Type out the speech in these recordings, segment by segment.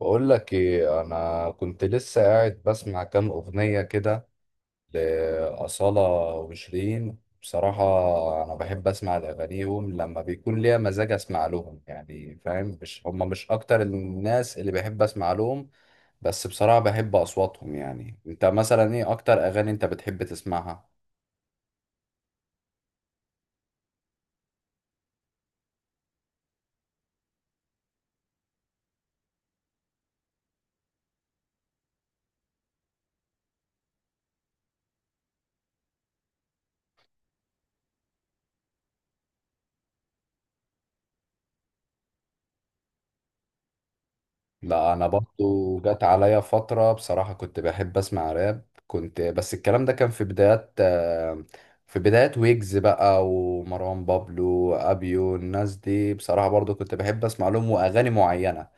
بقول لك ايه، انا كنت لسه قاعد بسمع كام اغنيه كده لاصاله وشيرين بصراحه. انا بحب اسمع لاغانيهم لما بيكون ليا مزاج اسمع لهم، يعني فاهم، مش هم مش اكتر الناس اللي بحب اسمع لهم، بس بصراحه بحب اصواتهم. يعني انت مثلا ايه اكتر اغاني انت بتحب تسمعها؟ لا انا برضو جت عليا فتره بصراحه كنت بحب اسمع راب كنت، بس الكلام ده كان في بدايات في بدايات ويجز بقى ومروان بابلو ابيو، الناس دي بصراحه برضو كنت بحب اسمع لهم واغاني معينه،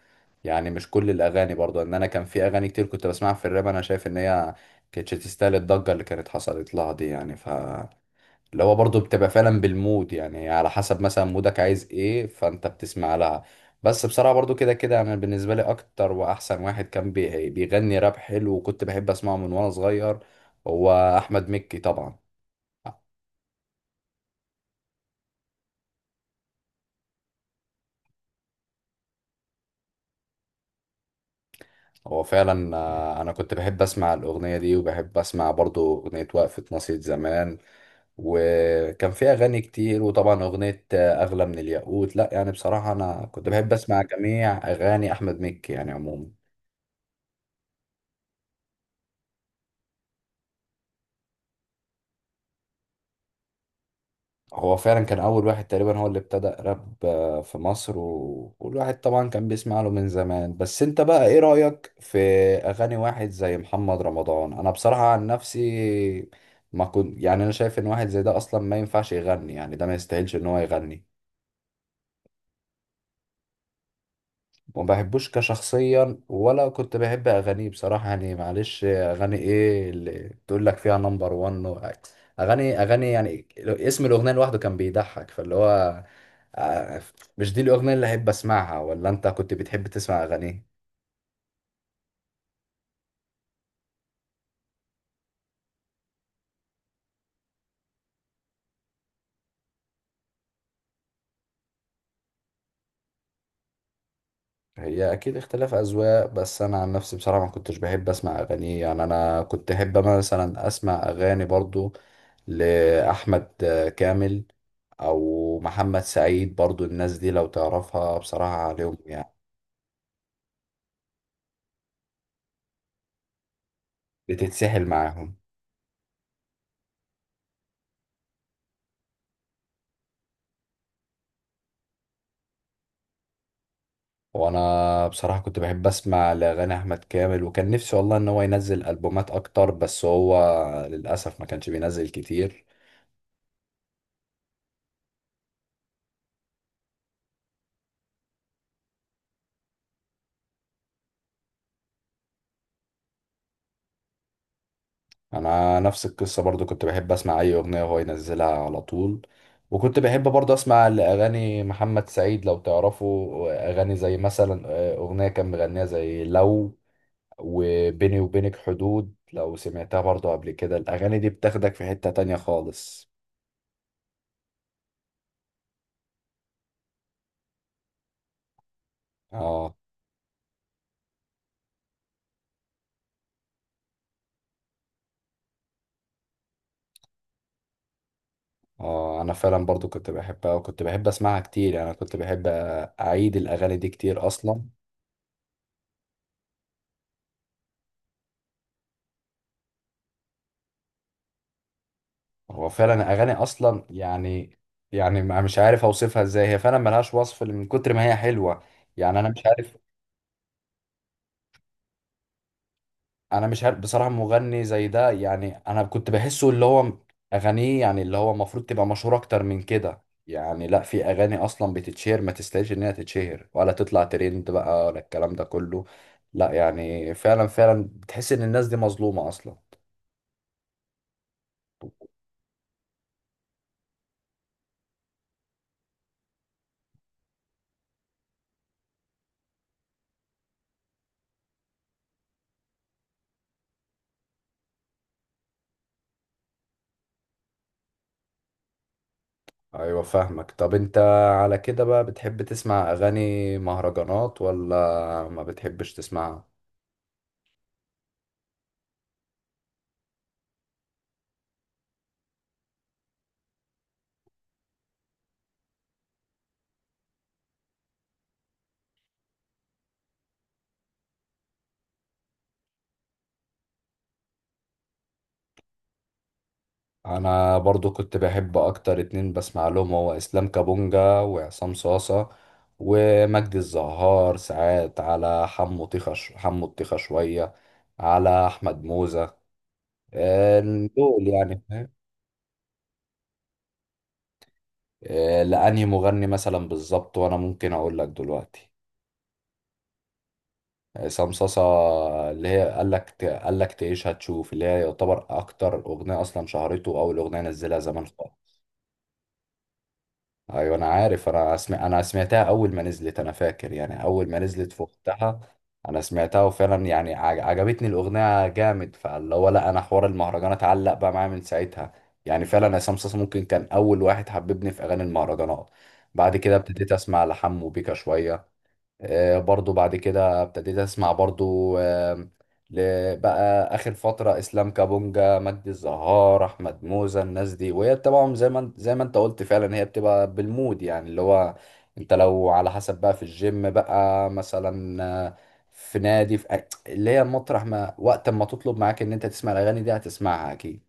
يعني مش كل الاغاني. برضو ان انا كان في اغاني كتير كنت بسمعها في الراب انا شايف ان هي كانتش تستاهل الضجه اللي كانت حصلت لها دي، يعني ف اللي هو برضه بتبقى فعلا بالمود، يعني على حسب مثلا مودك عايز ايه فانت بتسمع لها. بس بصراحة برضه كده كده انا بالنسبة لي اكتر واحسن واحد كان بيغني راب حلو وكنت بحب اسمعه من وانا صغير، هو احمد مكي طبعا. هو فعلا انا كنت بحب اسمع الاغنية دي وبحب اسمع برضه اغنية وقفة ناصية زمان، وكان فيها اغاني كتير، وطبعا اغنية اغلى من الياقوت. لا يعني بصراحة انا كنت بحب اسمع جميع اغاني احمد مكي يعني عموما. هو فعلا كان أول واحد تقريبا هو اللي ابتدأ راب في مصر والواحد طبعا كان بيسمع له من زمان. بس انت بقى ايه رأيك في أغاني واحد زي محمد رمضان؟ أنا بصراحة عن نفسي ما كنت، يعني أنا شايف إن واحد زي ده أصلا ما ينفعش يغني، يعني ده ما يستاهلش إن هو يغني. وما بحبوش كشخصيا ولا كنت بحب اغانيه بصراحه. يعني معلش، اغاني ايه اللي تقول لك فيها نمبر 1؟ اغاني اغاني، يعني اسم الاغنيه لوحده كان بيضحك، فاللي هو آه، مش دي الاغنيه اللي احب اسمعها، ولا انت كنت بتحب تسمع اغانيه؟ هي اكيد اختلاف اذواق، بس انا عن نفسي بصراحه ما كنتش بحب اسمع اغاني. يعني انا كنت احب مثلا اسمع اغاني برضو لاحمد كامل او محمد سعيد برضو، الناس دي لو تعرفها بصراحه عليهم يعني بتتسحل معاهم. وانا بصراحه كنت بحب اسمع لاغاني احمد كامل، وكان نفسي والله ان هو ينزل البومات اكتر، بس هو للاسف ما كانش بينزل كتير. انا نفس القصه برضو كنت بحب اسمع اي اغنيه وهو ينزلها على طول. وكنت بحب برضو اسمع لاغاني محمد سعيد، لو تعرفوا اغاني زي مثلا اغنيه كان مغنيها زي لو، وبيني وبينك حدود، لو سمعتها برضو قبل كده الاغاني دي بتاخدك في حته تانية خالص. اه. اه انا فعلا برضو كنت بحبها وكنت بحب اسمعها كتير، يعني انا كنت بحب اعيد الاغاني دي كتير اصلا. هو فعلا اغاني اصلا يعني، يعني مش عارف اوصفها ازاي، هي فعلا ملهاش وصف من كتر ما هي حلوه، يعني انا مش عارف. انا مش عارف بصراحه مغني زي ده، يعني انا كنت بحسه اللي هو اغانيه يعني اللي هو المفروض تبقى مشهوره اكتر من كده. يعني لا، في اغاني اصلا بتتشهر ما تستاهلش ان هي تتشهر ولا تطلع ترند بقى ولا الكلام ده كله. لا يعني فعلا فعلا بتحس ان الناس دي مظلومه اصلا. ايوه فاهمك. طب انت على كده بقى بتحب تسمع اغاني مهرجانات ولا ما بتحبش تسمعها؟ انا برضو كنت بحب اكتر اتنين بسمع لهم، هو اسلام كابونجا وعصام صاصة، ومجدي الزهار ساعات، على حمو طيخة حمو الطيخة شوية، على احمد موزة آه، دول يعني فاهم. لانهي مغني مثلا بالظبط وانا ممكن اقول لك دلوقتي؟ عصام صاصا، اللي هي قال لك قال لك تعيش هتشوف، اللي هي يعتبر اكتر اغنيه اصلا شهرته واول اغنيه نزلها زمان خالص. ايوه انا عارف، انا اسمع، انا سمعتها اول ما نزلت، انا فاكر. يعني اول ما نزلت في وقتها انا سمعتها، وفعلا يعني عجبتني الاغنيه جامد، فاللي هو لا، انا حوار المهرجانات علق بقى معايا من ساعتها. يعني فعلا عصام صاصا ممكن كان اول واحد حببني في اغاني المهرجانات. بعد كده ابتديت اسمع لحمو بيكا شويه، برضو بعد كده ابتديت اسمع برضو بقى اخر فتره اسلام كابونجا، مجدي الزهار، احمد موزة، الناس دي. وهي طبعا زي ما انت قلت فعلا هي بتبقى بالمود، يعني اللي هو انت لو على حسب بقى في الجيم بقى مثلا، في نادي، اللي هي المطرح، ما وقت ما تطلب معاك ان انت تسمع الاغاني دي هتسمعها اكيد.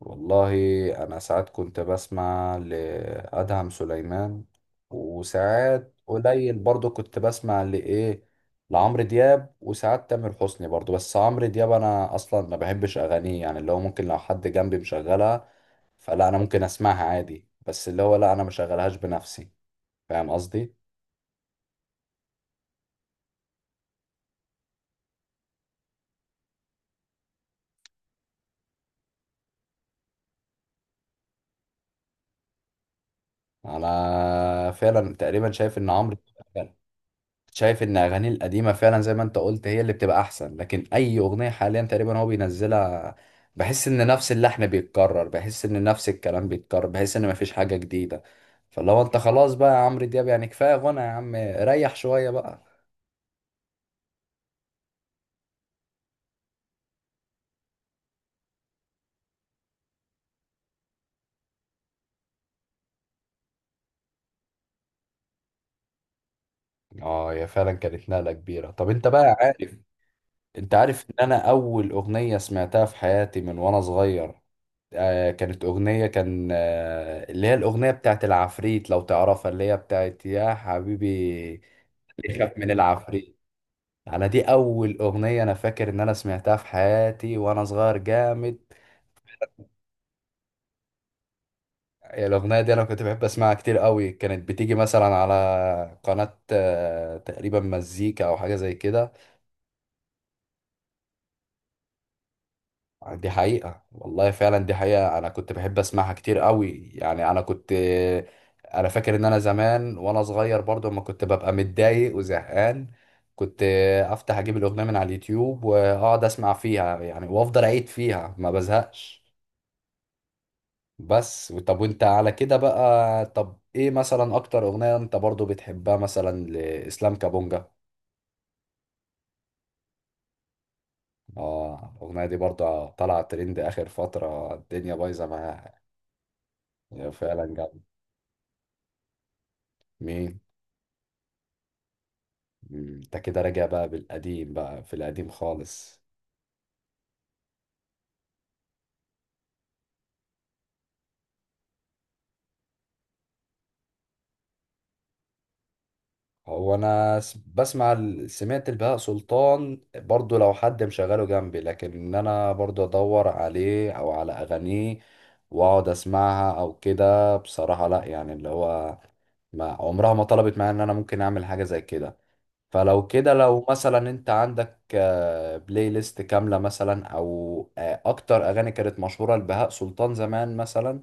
والله انا ساعات كنت بسمع لادهم سليمان، وساعات قليل برضو كنت بسمع لايه، لعمرو دياب، وساعات تامر حسني برضو. بس عمرو دياب انا اصلا ما بحبش اغانيه، يعني اللي هو ممكن لو حد جنبي مشغلها فلا انا ممكن اسمعها عادي، بس اللي هو لا انا مشغلهاش بنفسي، فاهم قصدي. انا فعلا تقريبا شايف ان عمرو، شايف ان اغانيه القديمه فعلا زي ما انت قلت هي اللي بتبقى احسن، لكن اي اغنيه حاليا تقريبا هو بينزلها بحس ان نفس اللحن بيتكرر، بحس ان نفس الكلام بيتكرر، بحس ان مفيش حاجه جديده. فاللي هو انت خلاص بقى يا عمرو دياب، يعني كفايه غنى يا عم ريح شويه بقى. اه هي فعلا كانت نقله كبيره. طب انت بقى عارف، انت عارف ان انا اول اغنيه سمعتها في حياتي من وانا صغير؟ كانت أغنية، كان اللي هي الأغنية بتاعت العفريت لو تعرفها، اللي هي بتاعت يا حبيبي يخاف من العفريت. انا دي اول اغنيه انا فاكر ان انا سمعتها في حياتي وانا صغير جامد. الاغنيه دي انا كنت بحب اسمعها كتير قوي، كانت بتيجي مثلا على قناه تقريبا مزيكا او حاجه زي كده. دي حقيقه والله، فعلا دي حقيقه، انا كنت بحب اسمعها كتير قوي. يعني انا كنت، انا فاكر ان انا زمان وانا صغير برضو لما كنت ببقى متضايق وزهقان كنت افتح اجيب الاغنيه من على اليوتيوب واقعد اسمع فيها، يعني وافضل اعيد فيها ما بزهقش. بس طب وانت على كده بقى، طب ايه مثلا اكتر اغنية انت برضو بتحبها مثلا لإسلام كابونجا؟ اه الاغنية دي برضو طالعة ترند اخر فترة الدنيا بايظة معاها. هي فعلا جامد. مين؟ انت كده راجع بقى بالقديم بقى في القديم خالص. هو انا بسمع سمعت البهاء سلطان برضو لو حد مشغله جنبي، لكن ان انا برضو ادور عليه او على اغانيه واقعد اسمعها او كده بصراحة لا، يعني اللي هو ما عمرها ما طلبت معايا ان انا ممكن اعمل حاجة زي كده. فلو كده لو مثلا انت عندك بلاي ليست كاملة مثلا، او اكتر اغاني كانت مشهورة لبهاء سلطان زمان مثلا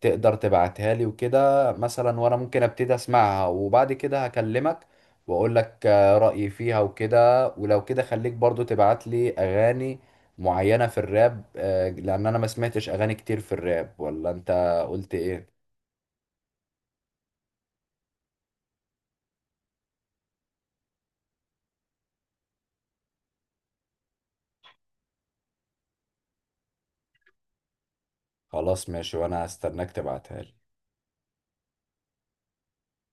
تقدر تبعتها لي وكده مثلا، وانا ممكن ابتدي اسمعها وبعد كده هكلمك واقول لك رأيي فيها وكده. ولو كده خليك برضو تبعت لي اغاني معينة في الراب، لان انا ما سمعتش اغاني كتير في الراب. ولا انت قلت ايه؟ خلاص ماشي، وانا هستناك تبعتها لي.